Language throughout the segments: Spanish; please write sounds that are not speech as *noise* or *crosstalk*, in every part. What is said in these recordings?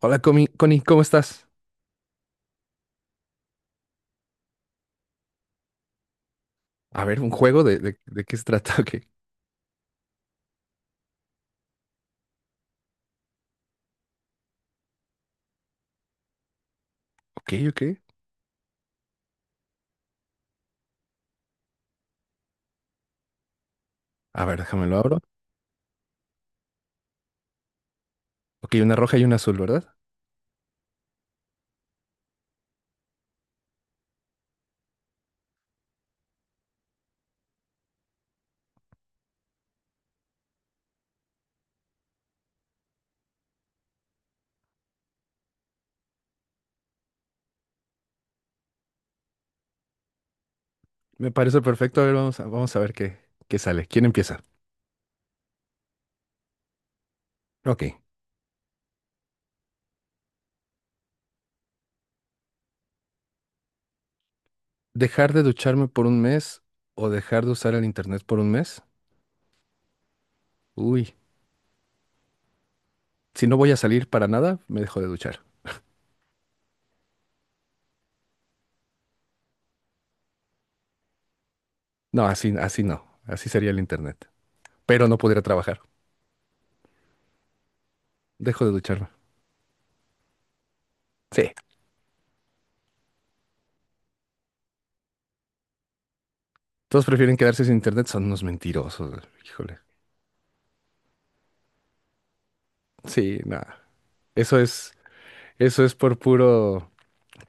Hola, Connie, ¿cómo estás? A ver, un juego de, de qué se trata. *laughs* Ok, ok, ok. A ver, déjame lo abro. Ok, una roja y una azul, ¿verdad? Me parece perfecto. A ver, vamos a ver qué sale. ¿Quién empieza? Ok. ¿Dejar de ducharme por un mes o dejar de usar el internet por un mes? Uy, si no voy a salir para nada, me dejo de duchar. No, así, así no. Así sería el internet. Pero no podría trabajar. Dejo de ducharme. Sí. Todos prefieren quedarse sin internet, son unos mentirosos. Híjole. Sí, nada. Eso es. Eso es por puro,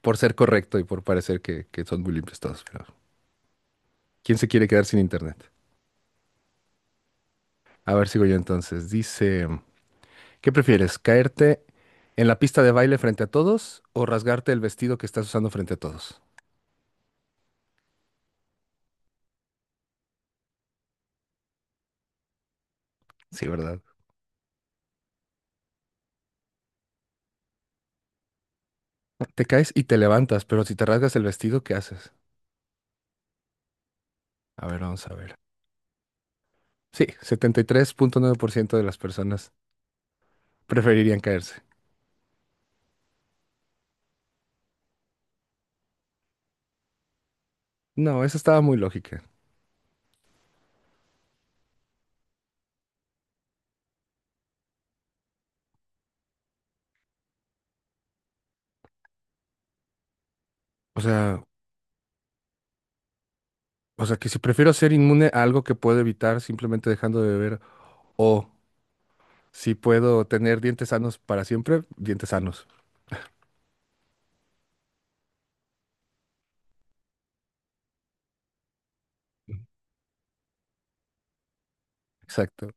por ser correcto y por parecer que son muy limpios todos, pero ¿quién se quiere quedar sin internet? A ver, sigo yo entonces. Dice, ¿qué prefieres? ¿Caerte en la pista de baile frente a todos o rasgarte el vestido que estás usando frente a todos? Sí, ¿verdad? Te caes y te levantas, pero si te rasgas el vestido, ¿qué haces? A ver, vamos a ver. Sí, 73.9% de las personas preferirían caerse. No, esa estaba muy lógica. O sea, o sea que si prefiero ser inmune a algo que puedo evitar simplemente dejando de beber, o si puedo tener dientes sanos para siempre, dientes sanos. Exacto.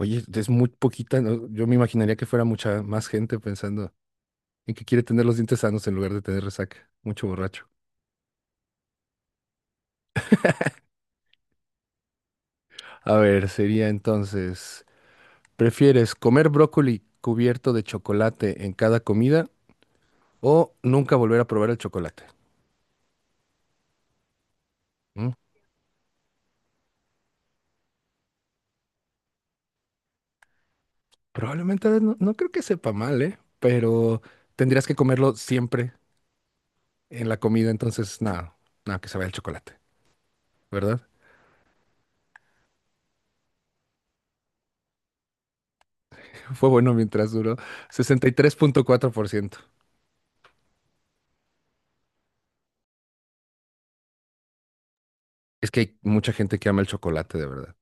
Oye, es muy poquita, ¿no? Yo me imaginaría que fuera mucha más gente pensando en que quiere tener los dientes sanos en lugar de tener resaca. Mucho borracho. A ver, sería entonces, ¿prefieres comer brócoli cubierto de chocolate en cada comida o nunca volver a probar el chocolate? ¿Mm? Probablemente no, no creo que sepa mal, ¿eh? Pero tendrías que comerlo siempre en la comida, entonces nada, nada, que se vaya el chocolate, ¿verdad? Fue bueno mientras duró. 63.4%. Es que hay mucha gente que ama el chocolate, de verdad.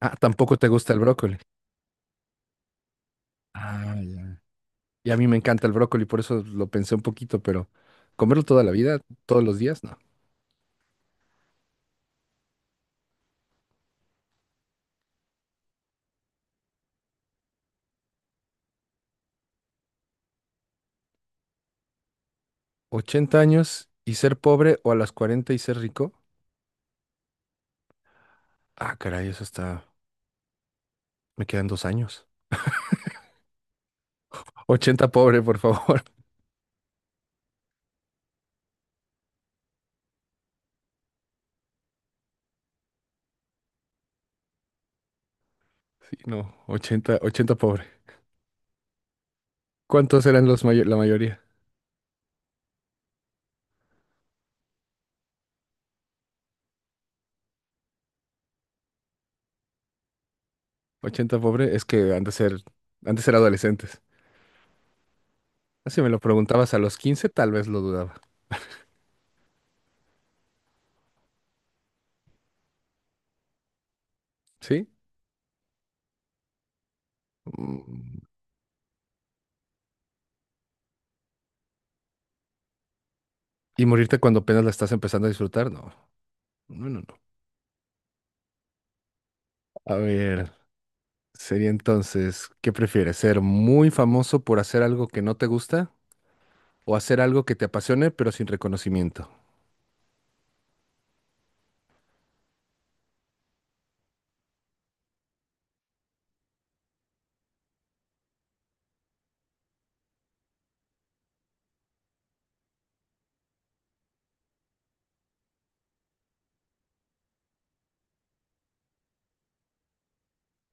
Ah, tampoco te gusta el brócoli. Ah, ya. Y a mí me encanta el brócoli, por eso lo pensé un poquito, pero comerlo toda la vida, todos los días, no. 80 años y ser pobre o a las 40 y ser rico. Ah, caray, eso está. Me quedan 2 años. 80 pobre, por favor. *laughs* Sí, no, 80, 80 pobre. ¿Cuántos eran los la mayoría? 80 pobre es que han de ser, adolescentes. Ah, si me lo preguntabas a los 15, tal vez lo dudaba, ¿sí? Mm, Y morirte cuando apenas la estás empezando a disfrutar, no. No, no, no. A ver, sería entonces, ¿qué prefieres? ¿Ser muy famoso por hacer algo que no te gusta o hacer algo que te apasione pero sin reconocimiento?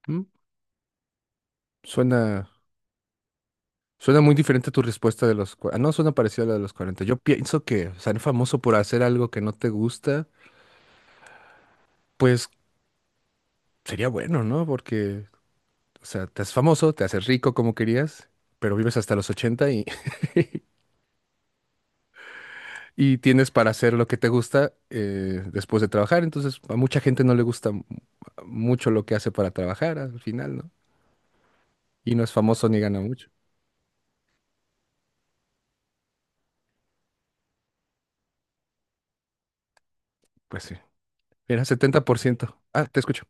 ¿Mm? Suena, suena muy diferente tu respuesta de Ah, no, suena parecida a la de los 40. Yo pienso que ser famoso por hacer algo que no te gusta, pues sería bueno, ¿no? Porque, o sea, te haces famoso, te haces rico como querías, pero vives hasta los 80, y tienes para hacer lo que te gusta, después de trabajar. Entonces, a mucha gente no le gusta mucho lo que hace para trabajar al final, ¿no? Y no es famoso ni gana mucho. Pues sí. Era 70%. Ah, te escucho.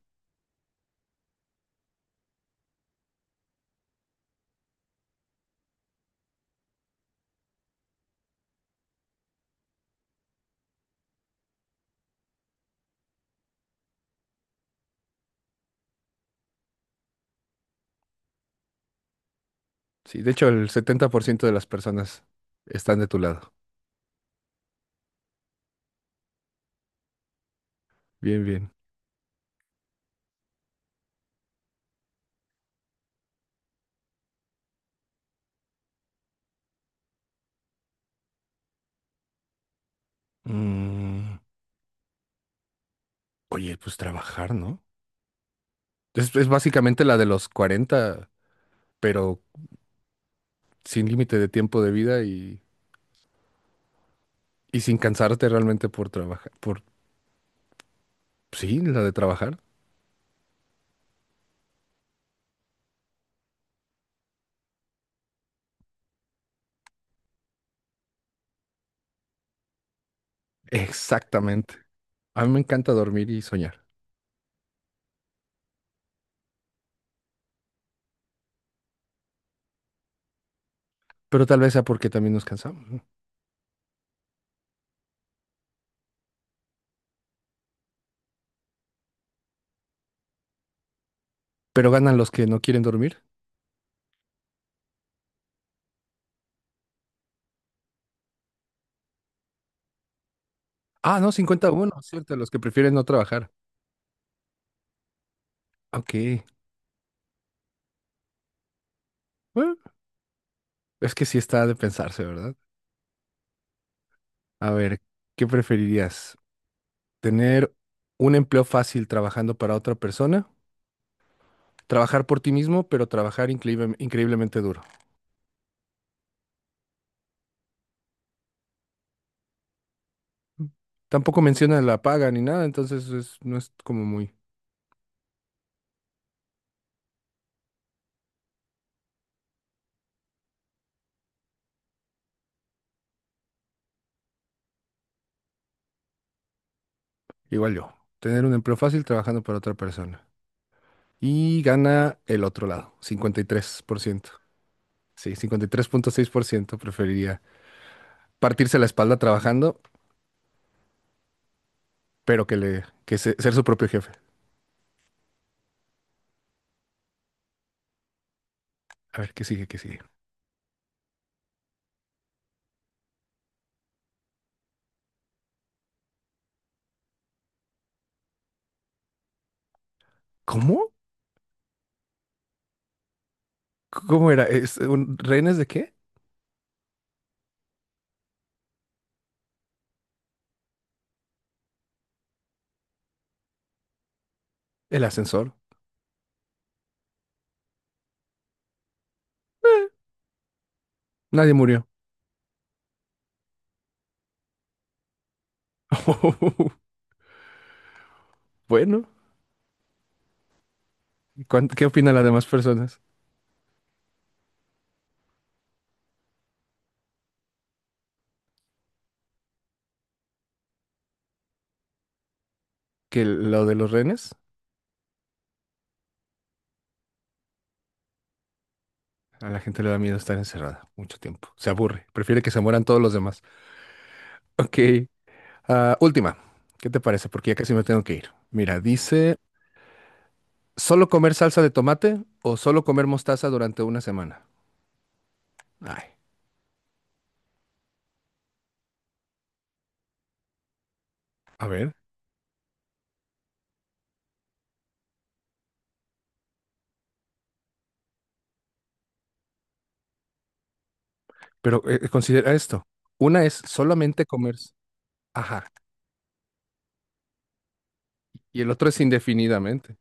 Sí, de hecho, el 70% de las personas están de tu lado. Bien, bien. Mm, Oye, pues trabajar, ¿no? Es básicamente la de los 40, pero sin límite de tiempo de vida y sin cansarte realmente por trabajar. Sí, la de trabajar. Exactamente. A mí me encanta dormir y soñar, pero tal vez sea porque también nos cansamos, ¿no? Pero ganan los que no quieren dormir. Ah, no, cincuenta a uno, cierto, los que prefieren no trabajar. Ok. Bueno, es que sí está de pensarse, ¿verdad? A ver, ¿qué preferirías? ¿Tener un empleo fácil trabajando para otra persona? ¿Trabajar por ti mismo, pero trabajar increíblemente duro? Mm. Tampoco menciona la paga ni nada, entonces no es como muy... Igual yo. Tener un empleo fácil trabajando para otra persona. Y gana el otro lado, 53%. Sí, 53.6% preferiría partirse la espalda trabajando, pero que le que se- ser su propio jefe. A ver, ¿qué sigue? ¿Qué sigue? ¿Cómo? ¿Cómo era? ¿Es rehenes de qué? El ascensor. Eh, Nadie murió. *laughs* Bueno, ¿qué opinan las demás personas? Que lo de los rehenes, a la gente le da miedo estar encerrada mucho tiempo. Se aburre, prefiere que se mueran todos los demás. Ok, última. ¿Qué te parece? Porque ya casi me tengo que ir. Mira, dice: ¿solo comer salsa de tomate o solo comer mostaza durante una semana? Ay, a ver, pero considera esto. Una es solamente comer, ajá, y el otro es indefinidamente.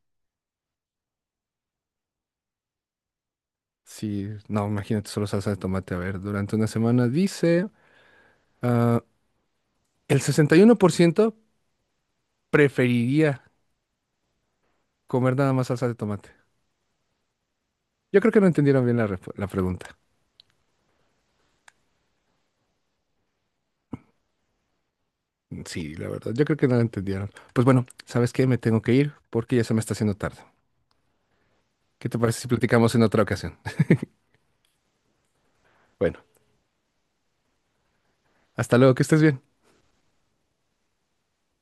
Sí, no, imagínate solo salsa de tomate, a ver, durante una semana dice, ah, el 61% preferiría comer nada más salsa de tomate. Yo creo que no entendieron bien la pregunta. Sí, la verdad, yo creo que no la entendieron. Pues bueno, ¿sabes qué? Me tengo que ir porque ya se me está haciendo tarde. ¿Qué te parece si platicamos en otra ocasión? *laughs* Bueno. Hasta luego, que estés bien.